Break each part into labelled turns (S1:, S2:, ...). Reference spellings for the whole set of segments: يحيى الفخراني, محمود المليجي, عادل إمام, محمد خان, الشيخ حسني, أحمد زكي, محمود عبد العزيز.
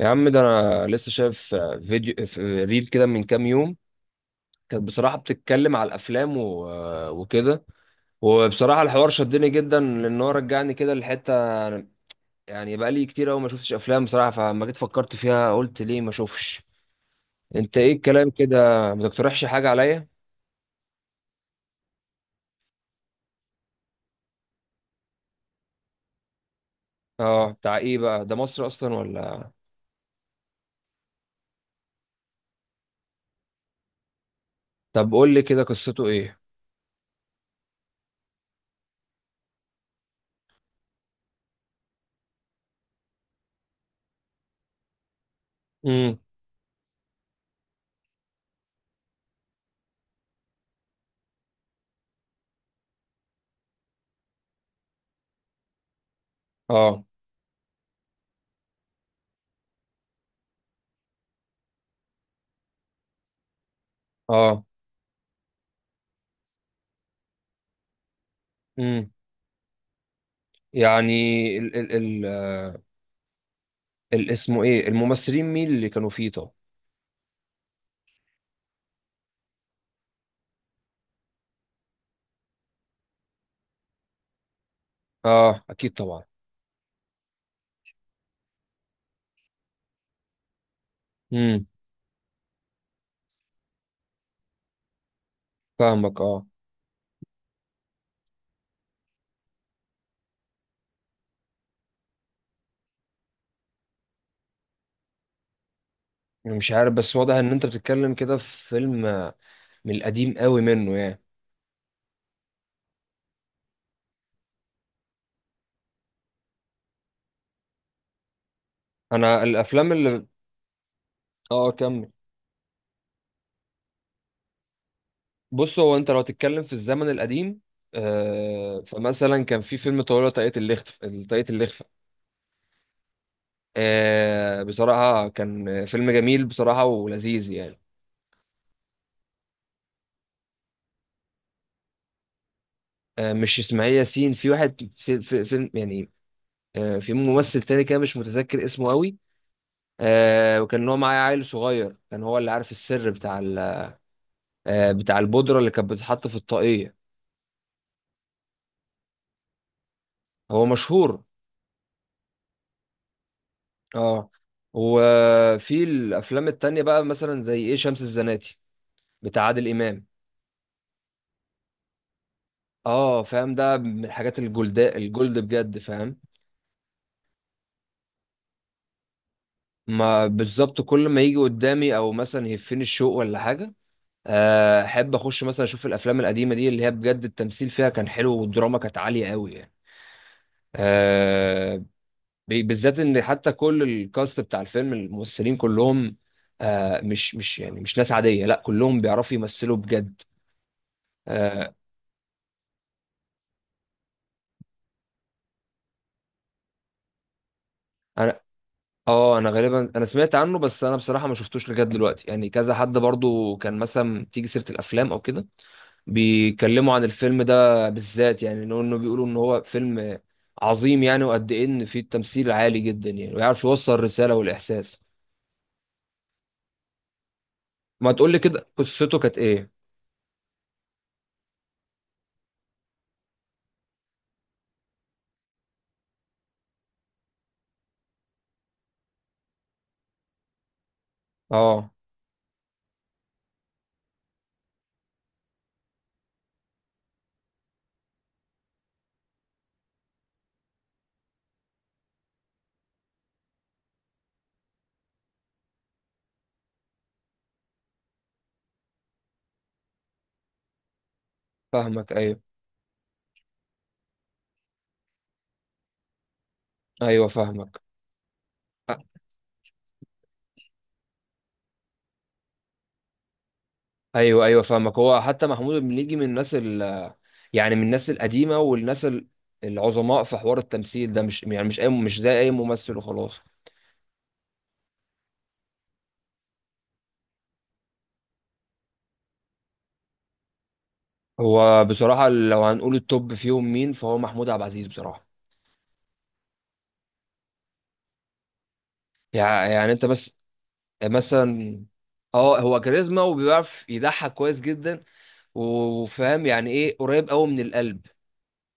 S1: يا عم ده انا لسه شايف فيديو في ريل كده من كام يوم. كانت بصراحة بتتكلم على الافلام وكده. وبصراحة الحوار شدني جدا لان هو رجعني كده لحتة، يعني بقالي كتير قوي ما شفتش افلام بصراحة. فلما جيت فكرت فيها قلت ليه ما اشوفش. انت ايه الكلام كده، ما تقترحش حاجة عليا. اه، بتاع ايه بقى ده؟ مصر اصلا ولا؟ طب قول لي كده قصته ايه. امم. اه. اه. امم. يعني ال ال ال اسمه ايه؟ الممثلين مين اللي كانوا فيه طب؟ اه اكيد طبعا. امم. فاهمك اه. أنا مش عارف بس واضح ان انت بتتكلم كده في فيلم من القديم قوي منه يعني. انا الافلام اللي… اه، كمل. بص، هو انت لو هتتكلم في الزمن القديم، آه، فمثلا كان في فيلم طويلة طريقة اللخف، طريقة اللخفة. آه بصراحة كان فيلم جميل بصراحة ولذيذ يعني. آه مش اسماعيل ياسين، في واحد في في فيلم يعني، آه في ممثل تاني كده مش متذكر اسمه قوي. آه وكان هو معايا عيل صغير، كان هو اللي عارف السر بتاع آه بتاع البودرة اللي كانت بتتحط في الطاقية. هو مشهور. اه. وفي الافلام التانية بقى مثلا زي ايه، شمس الزناتي، بتاع عادل امام. اه فاهم، ده من الحاجات الجلداء الجلد بجد، فاهم. ما بالظبط كل ما يجي قدامي او مثلا يهفني الشوق ولا حاجة، احب اخش مثلا اشوف الافلام القديمة دي اللي هي بجد التمثيل فيها كان حلو والدراما كانت عالية قوي يعني. آه، بالذات ان حتى كل الكاست بتاع الفيلم، الممثلين كلهم، آه مش يعني مش ناس عاديه، لا كلهم بيعرفوا يمثلوا بجد. آه. انا اه انا غالبا انا سمعت عنه بس انا بصراحه ما شفتوش لغايه دلوقتي، يعني كذا حد برضو كان مثلا تيجي سيره الافلام او كده بيتكلموا عن الفيلم ده بالذات، يعني انه بيقولوا ان هو فيلم عظيم يعني، وقد ايه ان فيه التمثيل عالي جدا يعني ويعرف يوصل الرساله والاحساس. ما تقول لي كده قصته كانت ايه. اه فاهمك، ايوه. ايوه فاهمك. ايوه ايوه فاهمك. هو حتى محمود المليجي من الناس ال، يعني من الناس القديمه والناس العظماء في حوار التمثيل ده، مش يعني مش اي، مش زي اي ممثل وخلاص. هو بصراحه لو هنقول التوب فيهم مين فهو محمود عبد العزيز بصراحه. يعني انت بس مثلا. اه هو كاريزما وبيعرف يضحك كويس جدا، وفاهم يعني ايه قريب قوي من القلب.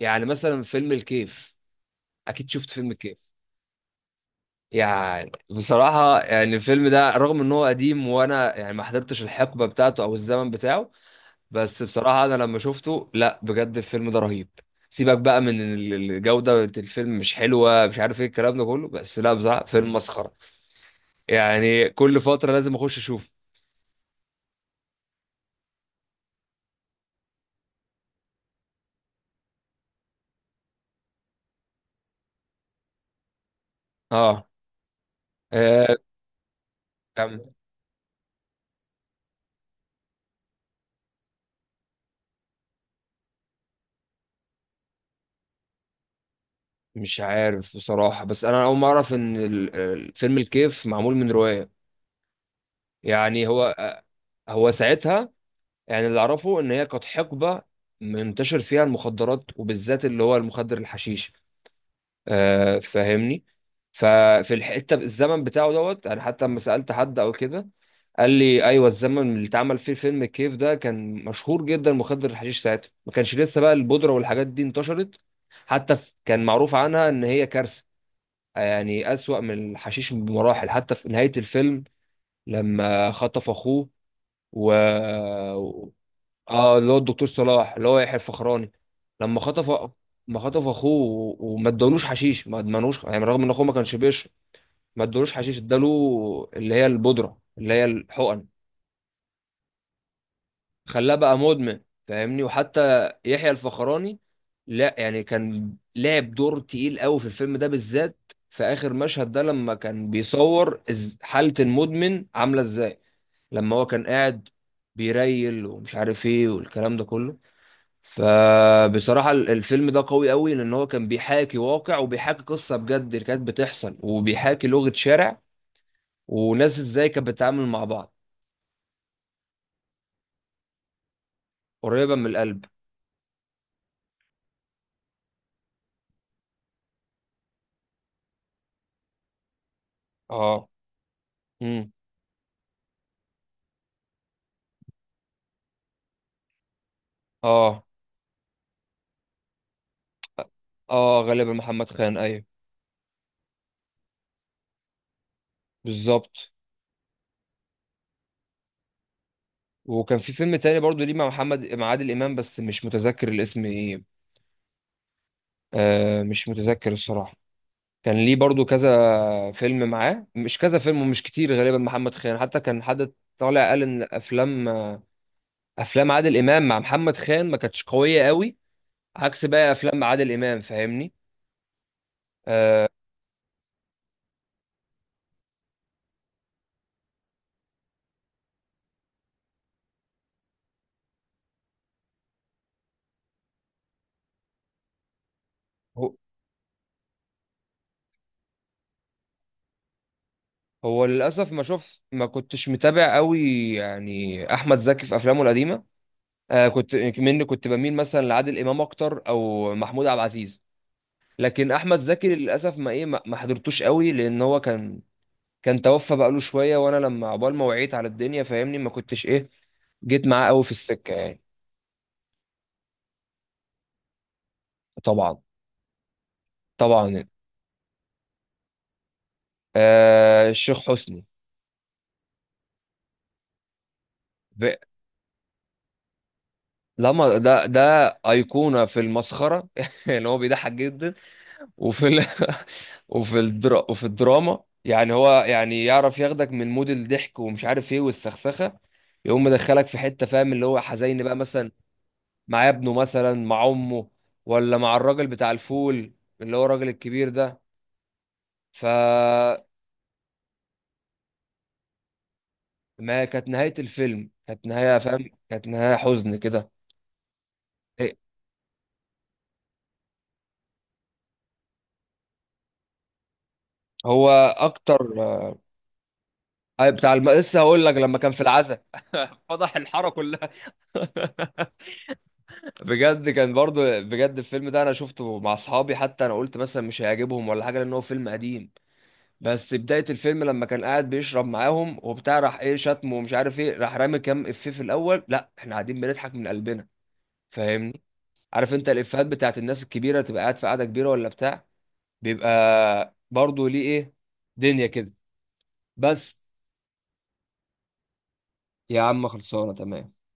S1: يعني مثلا فيلم الكيف. اكيد شفت فيلم الكيف. يعني بصراحة يعني الفيلم ده رغم ان هو قديم وانا يعني ما حضرتش الحقبة بتاعته او الزمن بتاعه، بس بصراحة انا لما شفته لا بجد الفيلم ده رهيب. سيبك بقى من إن الجودة بتاعت الفيلم مش حلوة، مش عارف ايه الكلام ده كله، بس لا بصراحة فيلم مسخرة. يعني كل فترة لازم اخش اشوفه. اه. آه، كم؟ مش عارف بصراحة، بس انا اول مرة اعرف ان الفيلم الكيف معمول من رواية. يعني هو آه،. هو ساعتها، يعني اللي اعرفه ان هي كانت حقبه منتشر فيها المخدرات، وبالذات اللي هو المخدر الحشيش، آه فاهمني. ففي الحته الزمن بتاعه دوت، انا حتى لما سالت حد او كده قال لي ايوه، الزمن اللي اتعمل فيه فيلم الكيف ده كان مشهور جدا مخدر الحشيش، ساعتها ما كانش لسه بقى البودره والحاجات دي انتشرت. حتى كان معروف عنها ان هي كارثه، يعني اسوأ من الحشيش بمراحل. حتى في نهايه الفيلم لما خطف اخوه و... اه اللي هو الدكتور صلاح، اللي هو يحيى الفخراني. لما خطف، ما خطف اخوه وما ادالوش حشيش، ما ادمنوش يعني رغم ان اخوه ما كانش بيشرب. ما ادالوش حشيش، اداله اللي هي البودره اللي هي الحقن. خلاه بقى مدمن، فاهمني. وحتى يحيى الفخراني لا يعني كان لعب دور تقيل قوي في الفيلم ده بالذات، في اخر مشهد ده لما كان بيصور حاله المدمن عامله ازاي. لما هو كان قاعد بيريل ومش عارف ايه والكلام ده كله. فبصراحة الفيلم ده قوي قوي، لأن هو كان بيحاكي واقع وبيحاكي قصة بجد اللي كانت بتحصل، وبيحاكي لغة شارع وناس ازاي كانت بتتعامل مع بعض. قريبة من القلب. اه. امم. اه. اه غالبا محمد خان، ايوه. بالظبط. وكان في فيلم تاني برضو ليه مع محمد، مع عادل إمام، بس مش متذكر الاسم ايه. آه مش متذكر الصراحة. كان ليه برضو كذا فيلم معاه، مش كذا فيلم ومش كتير غالبا محمد خان. حتى كان حد طالع قال ان افلام، افلام عادل امام مع محمد خان ما كانتش قويه قوي، عكس بقى افلام عادل امام فاهمني. آه. هو، هو للاسف ما شوف ما كنتش متابع قوي. يعني احمد زكي في افلامه القديمه، آه كنت مني كنت بميل مثلا لعادل امام اكتر او محمود عبد العزيز. لكن احمد زكي للاسف ما ايه ما حضرتوش قوي، لان هو كان، كان توفى بقاله شويه. وانا لما عقبال ما وعيت على الدنيا فاهمني ما كنتش ايه جيت معاه قوي في السكه يعني. طبعا. طبعا يعني. آه الشيخ حسني. لما ده أيقونة في المسخرة يعني هو بيضحك جدا. وفي ال... وفي الدراما يعني، هو يعني يعرف ياخدك من مود الضحك ومش عارف ايه والسخسخة، يقوم مدخلك في حتة فاهم اللي هو حزين بقى. مثلا مع ابنه، مثلا مع أمه، ولا مع الراجل بتاع الفول اللي هو الراجل الكبير ده. ف، ما كانت نهاية الفيلم كانت نهاية فاهم، كانت نهاية حزن كده. إيه،. هو أكتر أي بتاع لسه هقول لك، لما كان في العزا فضح الحاره كلها. بجد كان برضو بجد الفيلم ده انا شفته مع اصحابي، حتى انا قلت مثلا مش هيعجبهم ولا حاجه لان هو فيلم قديم، بس بدايه الفيلم لما كان قاعد بيشرب معاهم وبتاع راح ايه شتمه ومش عارف ايه، راح رامي كام افيه في الاول، لا احنا قاعدين بنضحك من قلبنا. فاهمني. عارف انت الافيهات بتاعت الناس الكبيره، تبقى قاعد في قاعده كبيره ولا بتاع بيبقى برضو ليه ايه دنيا كده. بس. يا عم خلصانه تمام.